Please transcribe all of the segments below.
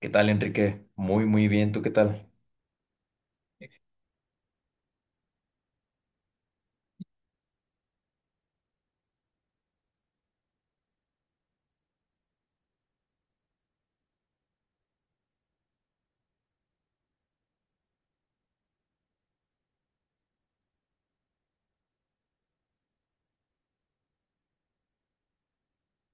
¿Qué tal, Enrique? Muy, muy bien. ¿Tú qué tal?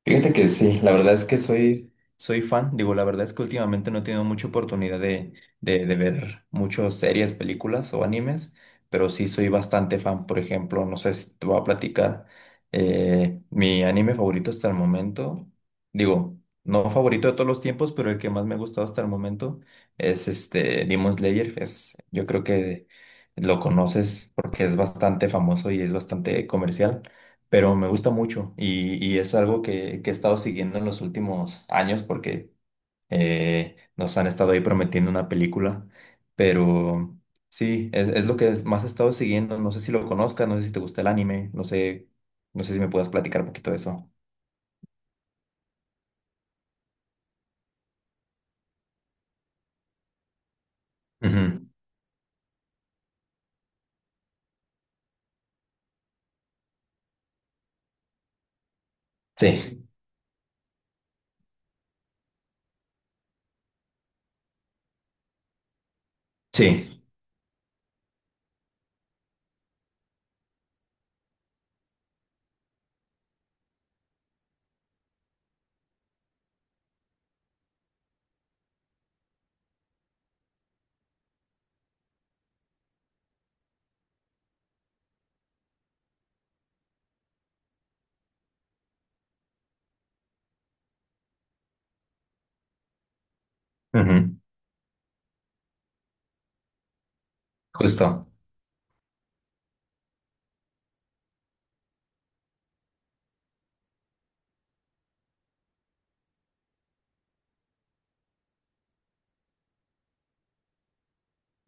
Fíjate que sí, la verdad es que soy fan. Digo, la verdad es que últimamente no he tenido mucha oportunidad de ver muchas series, películas o animes, pero sí soy bastante fan. Por ejemplo, no sé si te voy a platicar. Mi anime favorito hasta el momento, digo, no favorito de todos los tiempos, pero el que más me ha gustado hasta el momento es este Demon Slayer. Es, yo creo que lo conoces porque es bastante famoso y es bastante comercial. Pero me gusta mucho y es algo que he estado siguiendo en los últimos años porque nos han estado ahí prometiendo una película, pero sí, es lo que más he estado siguiendo. No sé si lo conozcas, no sé si te gusta el anime, no sé, no sé si me puedas platicar un poquito de eso. Ujú. Sí, sí, ujú. Justo.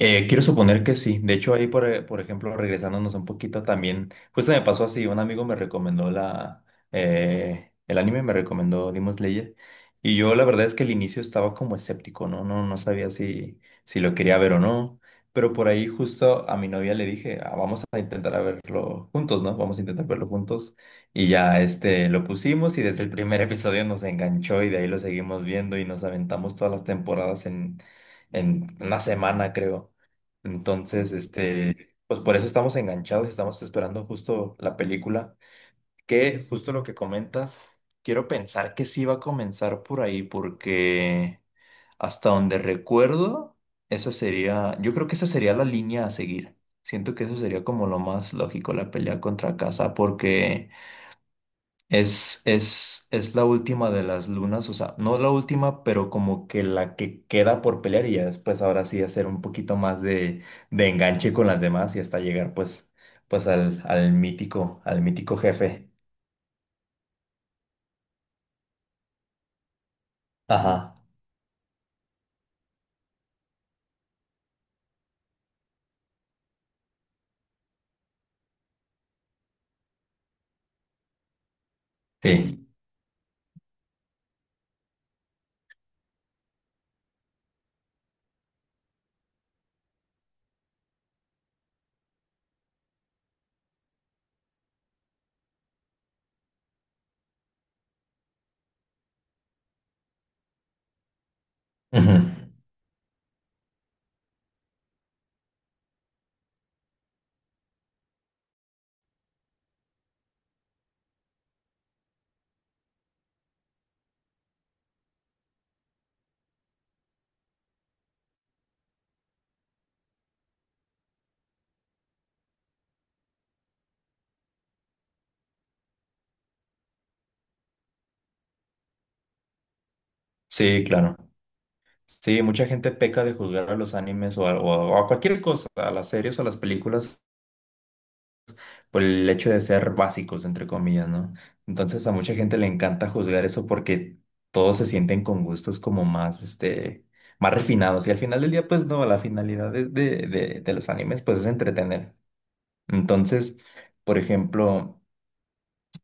Quiero suponer que sí. De hecho, ahí, por ejemplo, regresándonos un poquito también, justo me pasó así, un amigo me recomendó el anime, me recomendó Demon Slayer, y yo la verdad es que al inicio estaba como escéptico, ¿no? No, no sabía si si lo quería ver o no, pero por ahí justo a mi novia le dije, "Ah, vamos a intentar a verlo juntos, ¿no? Vamos a intentar verlo juntos", y ya este, lo pusimos y desde el primer episodio nos enganchó y de ahí lo seguimos viendo y nos aventamos todas las temporadas en una semana, creo. Entonces, este, pues por eso estamos enganchados, estamos esperando justo la película, que justo lo que comentas, quiero pensar que sí va a comenzar por ahí, porque hasta donde recuerdo, esa sería, yo creo que esa sería la línea a seguir. Siento que eso sería como lo más lógico, la pelea contra casa, porque es la última de las lunas, o sea, no la última, pero como que la que queda por pelear y ya después ahora sí hacer un poquito más de enganche con las demás y hasta llegar pues, pues al, al mítico jefe. Ajá. Sí. Ujú. Sí, claro. Sí, mucha gente peca de juzgar a los animes o a cualquier cosa, a las series o a las películas por el hecho de ser básicos, entre comillas, ¿no? Entonces a mucha gente le encanta juzgar eso porque todos se sienten con gustos como más, este, más refinados. Y al final del día, pues no, la finalidad de los animes, pues es entretener. Entonces, por ejemplo...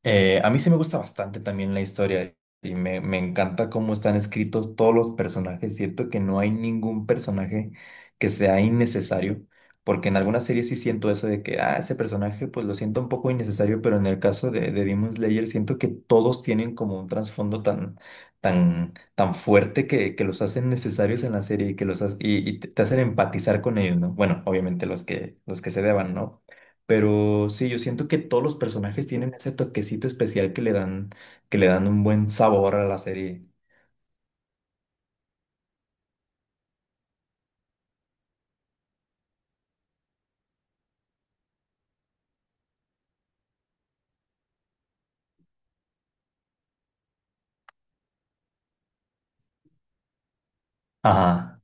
A mí sí me gusta bastante también la historia y me encanta cómo están escritos todos los personajes. Siento que no hay ningún personaje que sea innecesario, porque en algunas series sí siento eso de que, ah, ese personaje pues lo siento un poco innecesario, pero en el caso de Demon Slayer siento que todos tienen como un trasfondo tan fuerte que los hacen necesarios en la serie y que y te hacen empatizar con ellos, ¿no? Bueno, obviamente los que se deban, ¿no? Pero sí, yo siento que todos los personajes tienen ese toquecito especial que le dan un buen sabor a la serie. Ajá.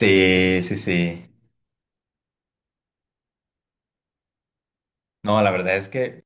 Sí, sí, sí. No, la verdad es que...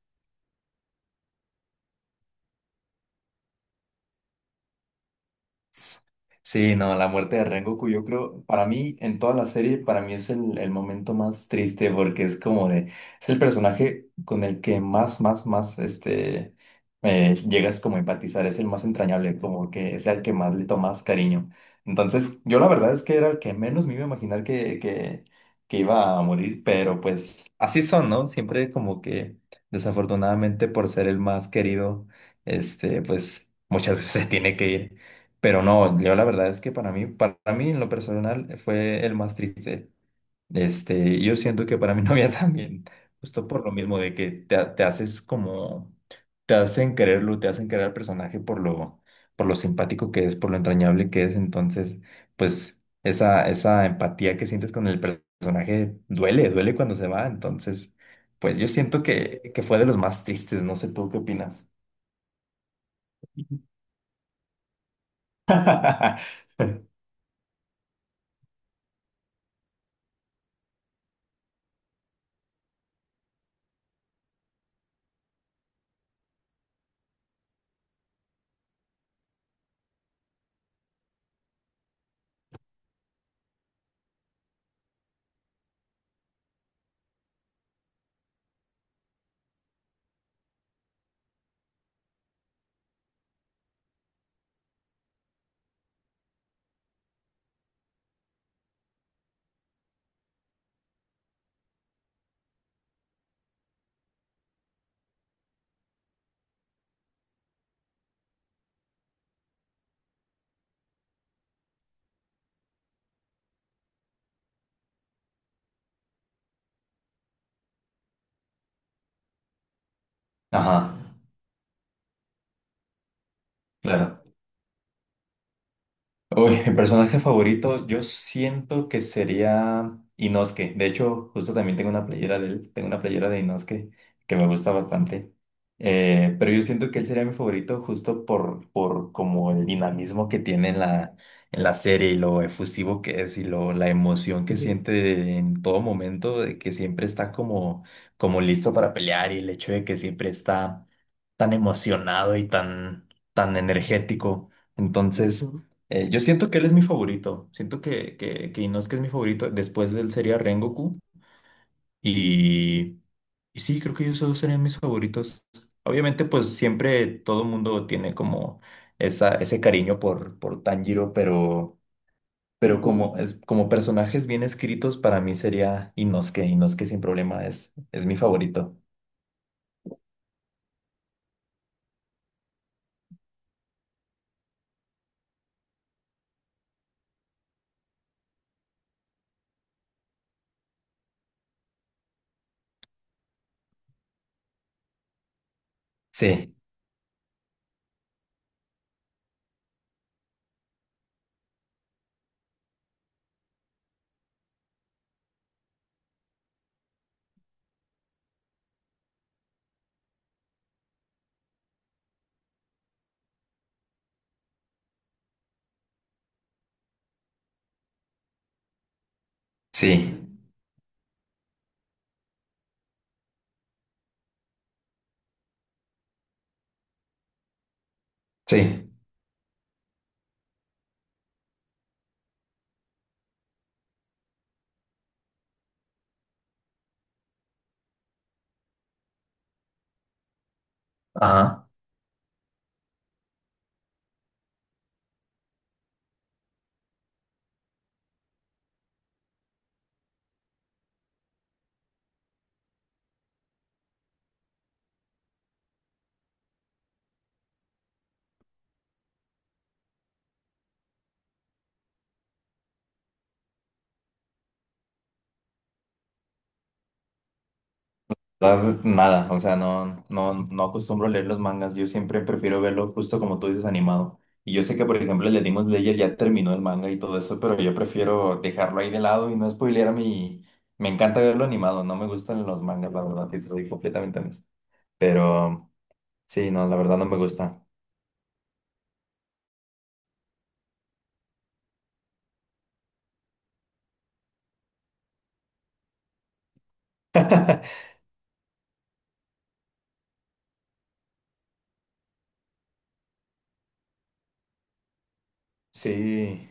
Sí, no, la muerte de Rengoku, yo creo, para mí, en toda la serie, para mí es el momento más triste porque es como de, es el personaje con el que más, este, llegas como a empatizar, es el más entrañable, como que es el que más le tomas cariño. Entonces, yo la verdad es que era el que menos me iba a imaginar que iba a morir, pero pues así son, ¿no? Siempre como que, desafortunadamente, por ser el más querido, este, pues muchas veces se tiene que ir. Pero no, yo la verdad es que para mí en lo personal fue el más triste. Este, yo siento que para mi novia también, justo por lo mismo de que te haces como, te hacen quererlo, te hacen querer al personaje por lo simpático que es, por lo entrañable que es. Entonces, pues esa empatía que sientes con el personaje duele, duele cuando se va. Entonces, pues yo siento que fue de los más tristes. No sé tú qué opinas. Ajá, claro. Uy, mi personaje favorito, yo siento que sería Inosuke. De hecho, justo también tengo una playera de él, tengo una playera de Inosuke que me gusta bastante. Pero yo siento que él sería mi favorito justo por como el dinamismo que tiene en la serie y lo efusivo que es y lo, la emoción que Ujú. Siente en todo momento, de que siempre está como, como listo para pelear y el hecho de que siempre está tan emocionado y tan, tan energético. Entonces... Yo siento que él es mi favorito. Siento que Inosuke es mi favorito. Después de él sería Rengoku. Y, y sí, creo que ellos dos serían mis favoritos. Obviamente, pues siempre todo mundo tiene como esa, ese cariño por Tanjiro, pero como, es, como personajes bien escritos, para mí sería Inosuke. Inosuke sin problema es mi favorito. Sí, sí, sí. Ajá. Verdad, nada, o sea, no, no, no acostumbro a leer los mangas, yo siempre prefiero verlo justo como tú dices, animado. Y yo sé que, por ejemplo, el de Demon Slayer ya terminó el manga y todo eso, pero yo prefiero dejarlo ahí de lado y no spoilear a mí. Me encanta verlo animado, no me gustan los mangas, la verdad, sí, soy completamente honesto. Pero sí, no, la verdad no me gusta. Sí,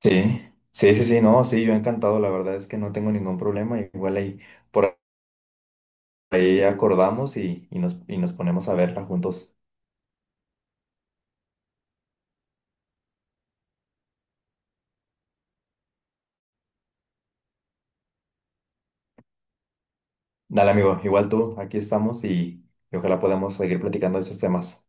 sí, sí, sí, sí, no, sí, yo encantado, la verdad es que no tengo ningún problema, igual ahí por ahí acordamos y nos ponemos a verla juntos. Dale, amigo, igual tú, aquí estamos y ojalá podamos seguir platicando de esos temas.